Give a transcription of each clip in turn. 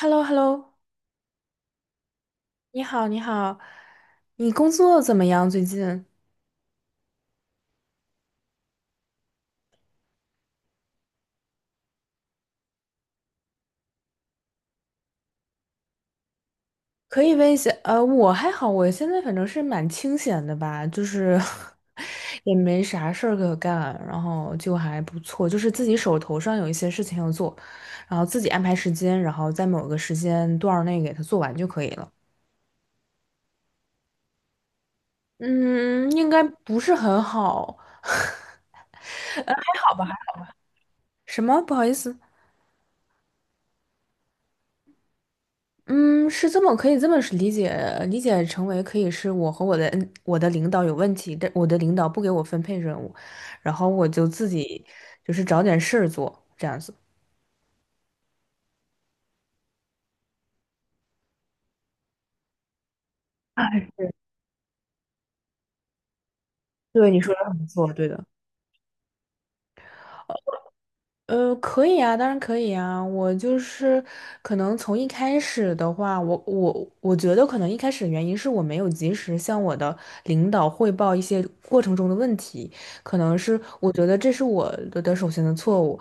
h e l l o h e l l o 你好，你好，你工作怎么样？最近可以问一下，我还好，我现在反正是蛮清闲的吧，就是 也没啥事儿可干，然后就还不错，就是自己手头上有一些事情要做，然后自己安排时间，然后在某个时间段儿内给它做完就可以了。嗯，应该不是很好，好吧？什么？不好意思。嗯，是这么可以这么是理解，理解成为可以是我和我的我的领导有问题，但我的领导不给我分配任务，然后我就自己就是找点事儿做，这样子。哎，对，你说的很不错，对的。可以啊，当然可以啊。我就是可能从一开始的话，我觉得可能一开始的原因是我没有及时向我的领导汇报一些过程中的问题，可能是我觉得这是我的首先的错误。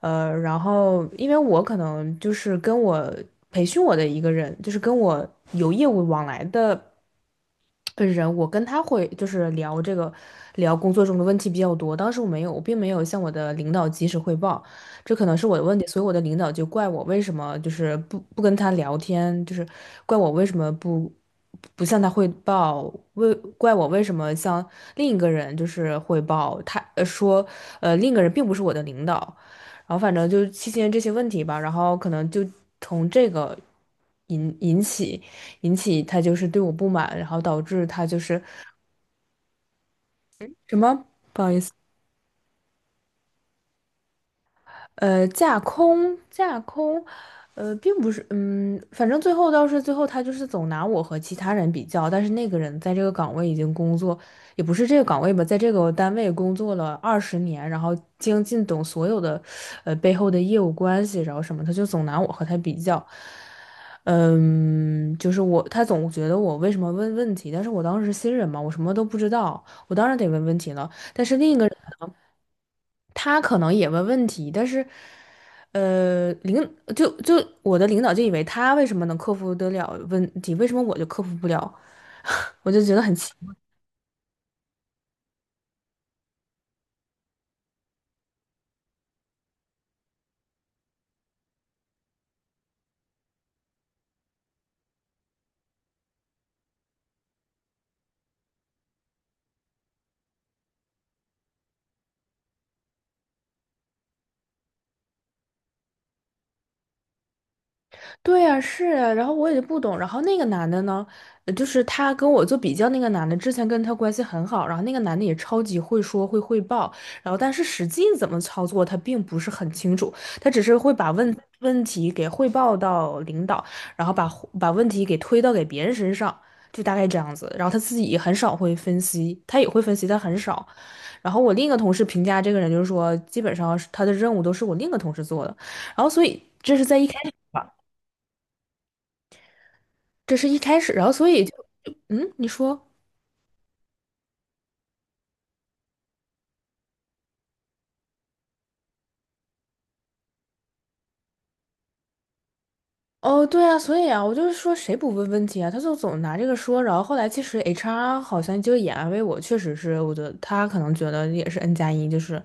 然后因为我可能就是跟我培训我的一个人，就是跟我有业务往来的。本人，我跟他会就是聊这个，聊工作中的问题比较多。当时我没有，我并没有向我的领导及时汇报，这可能是我的问题，所以我的领导就怪我为什么就是不跟他聊天，就是怪我为什么不向他汇报，怪我为什么向另一个人就是汇报，他说另一个人并不是我的领导，然后反正就期间这些问题吧，然后可能就从这个引起。引起他就是对我不满，然后导致他就是什么不好意思。架空，架空，并不是，嗯，反正最后他就是总拿我和其他人比较，但是那个人在这个岗位已经工作，也不是这个岗位吧，在这个单位工作了20年，然后精进懂所有的，背后的业务关系，然后什么，他就总拿我和他比较，嗯，就是我，他总觉得我为什么问问题，但是我当时是新人嘛，我什么都不知道，我当然得问问题了。他可能也问问题，但是，呃，领就就我的领导就以为他为什么能克服得了问题，为什么我就克服不了？我就觉得很奇。对呀，是呀，然后我也不懂，然后那个男的呢，就是他跟我做比较，那个男的之前跟他关系很好，然后那个男的也超级会说会汇报，然后但是实际怎么操作他并不是很清楚，他只是会把问题给汇报到领导，然后把问题给推到给别人身上，就大概这样子，然后他自己也很少会分析，他也会分析，但很少。然后我另一个同事评价这个人就是说，基本上是他的任务都是我另一个同事做的，然后所以这是在一开始吧。这是一开始，然后所以就，嗯，你说，哦，对啊，所以啊，我就是说谁不问问题啊，他就总拿这个说，然后后来其实 HR 好像就也安慰我，确实是，我觉得他可能觉得也是 N 加一，就是，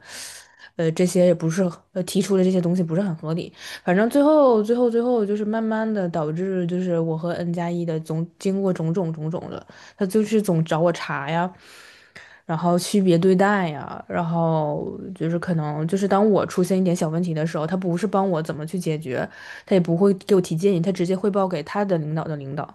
这些也不是，提出的这些东西不是很合理，反正最后就是慢慢的导致就是我和 N 加一的总经过种种的，他就是总找我茬呀，然后区别对待呀，然后就是可能就是当我出现一点小问题的时候，他不是帮我怎么去解决，他也不会给我提建议，他直接汇报给他的领导的领导。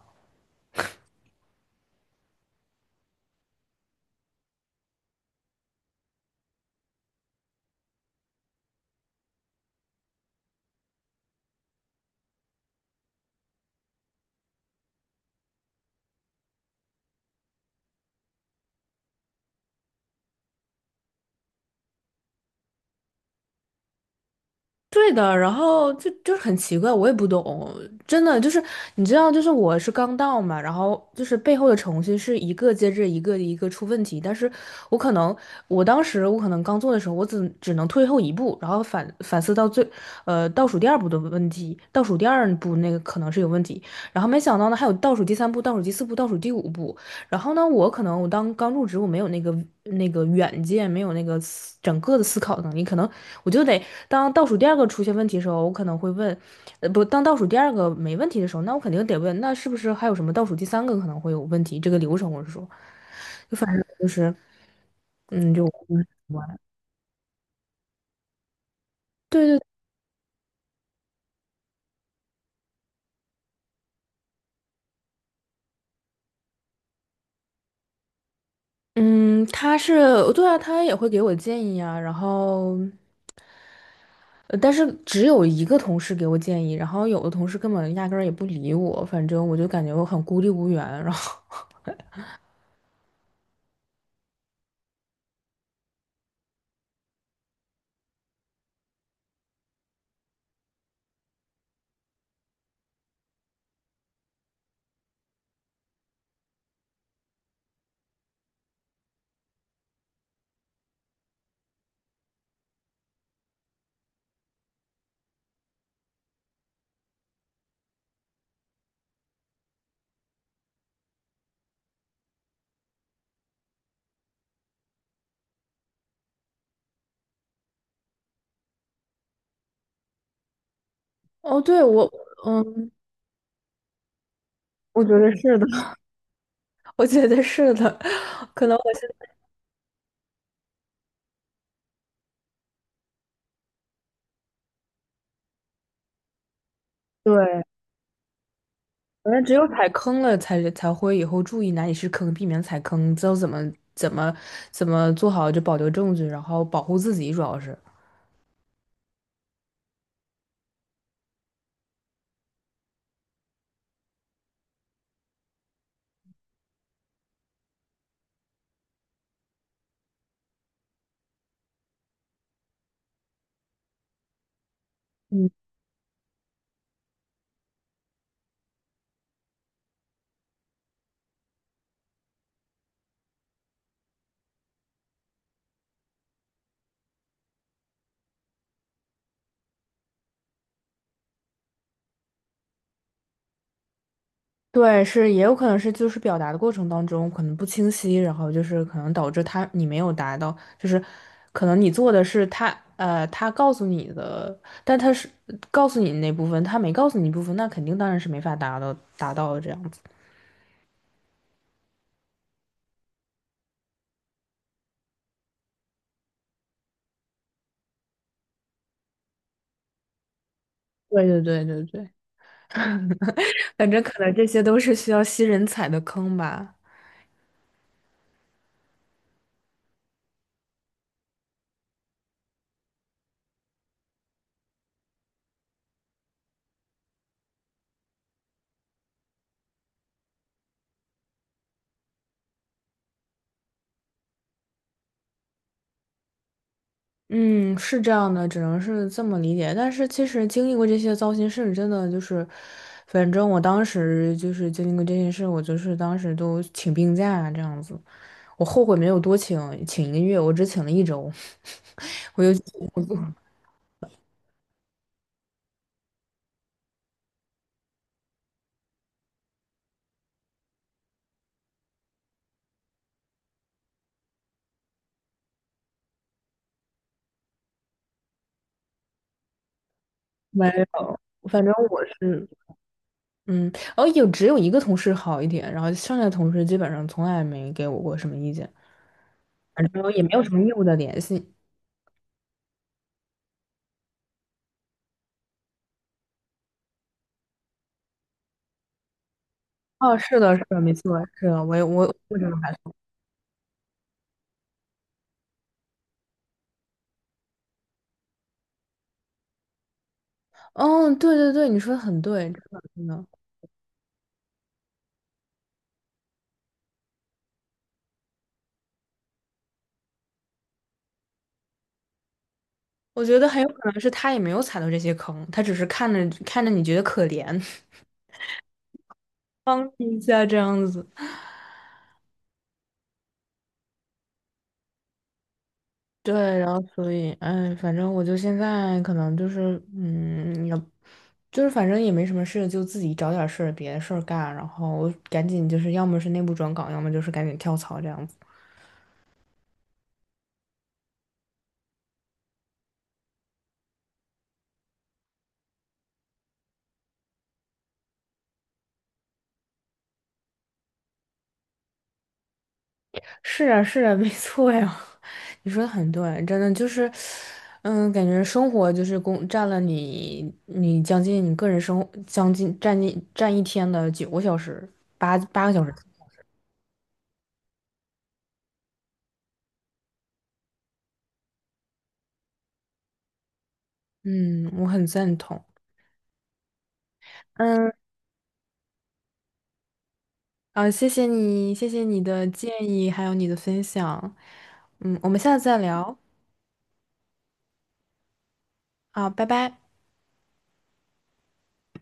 对的，然后就是很奇怪，我也不懂，真的就是你知道，就是我是刚到嘛，然后就是背后的程序是一个接着一个一个出问题，但是我可能我当时我可能刚做的时候，我只能退后一步，然后反思到倒数第二步的问题，倒数第二步那个可能是有问题，然后没想到呢还有倒数第三步、倒数第四步、倒数第五步，然后呢，我可能我当刚入职，我没有那个远见，没有那个整个的思考能力，可能我就得当倒数第二个出现问题的时候，我可能会问，呃，不，当倒数第二个没问题的时候，那我肯定得问，那是不是还有什么倒数第三个可能会有问题？这个流程我是说，就反正就是，嗯，就对对，嗯，他是对啊，他也会给我建议啊，然后。但是只有一个同事给我建议，然后有的同事根本压根儿也不理我，反正我就感觉我很孤立无援。然后，哦，对，我，嗯，我觉得是的，我觉得是的，可能我现在对，可能只有踩坑了才会以后注意哪里是坑，避免踩坑，知道怎么怎么做好就保留证据，然后保护自己，主要是。对，是也有可能是就是表达的过程当中可能不清晰，然后就是可能导致他你没有达到，就是可能你做的是他他告诉你的，但他是告诉你那部分，他没告诉你部分，那肯定当然是没法达到的这样子。对对对对对，反正可能这些都是需要新人踩的坑吧。嗯，是这样的，只能是这么理解。但是其实经历过这些糟心事，真的就是，反正我当时就是经历过这些事，我就是当时都请病假这样子。我后悔没有多请，请1个月，我只请了1周，我就没有。反正我是，嗯，哦，只有一个同事好一点，然后剩下的同事基本上从来没给我过什么意见，反正也没有什么业务的联系。哦，是的，是的，没错，是的，我也我我哦，对对对，你说的很对，真的真的，我觉得很有可能是他也没有踩到这些坑，他只是看着看着你觉得可怜，帮你一下这样子。对，然后所以，哎，反正我就现在可能就是，嗯，也就是反正也没什么事，就自己找点事儿，别的事儿干，然后赶紧就是，要么是内部转岗，要么就是赶紧跳槽这样子。是啊，是啊，没错呀，你说的很对，真的就是，嗯，感觉生活就是工占了你，你将近你个人生活将近占一天的9个小时，八个小时。嗯，我很赞同。嗯，啊，谢谢你，谢谢你的建议，还有你的分享。嗯，我们下次再聊。啊，拜拜。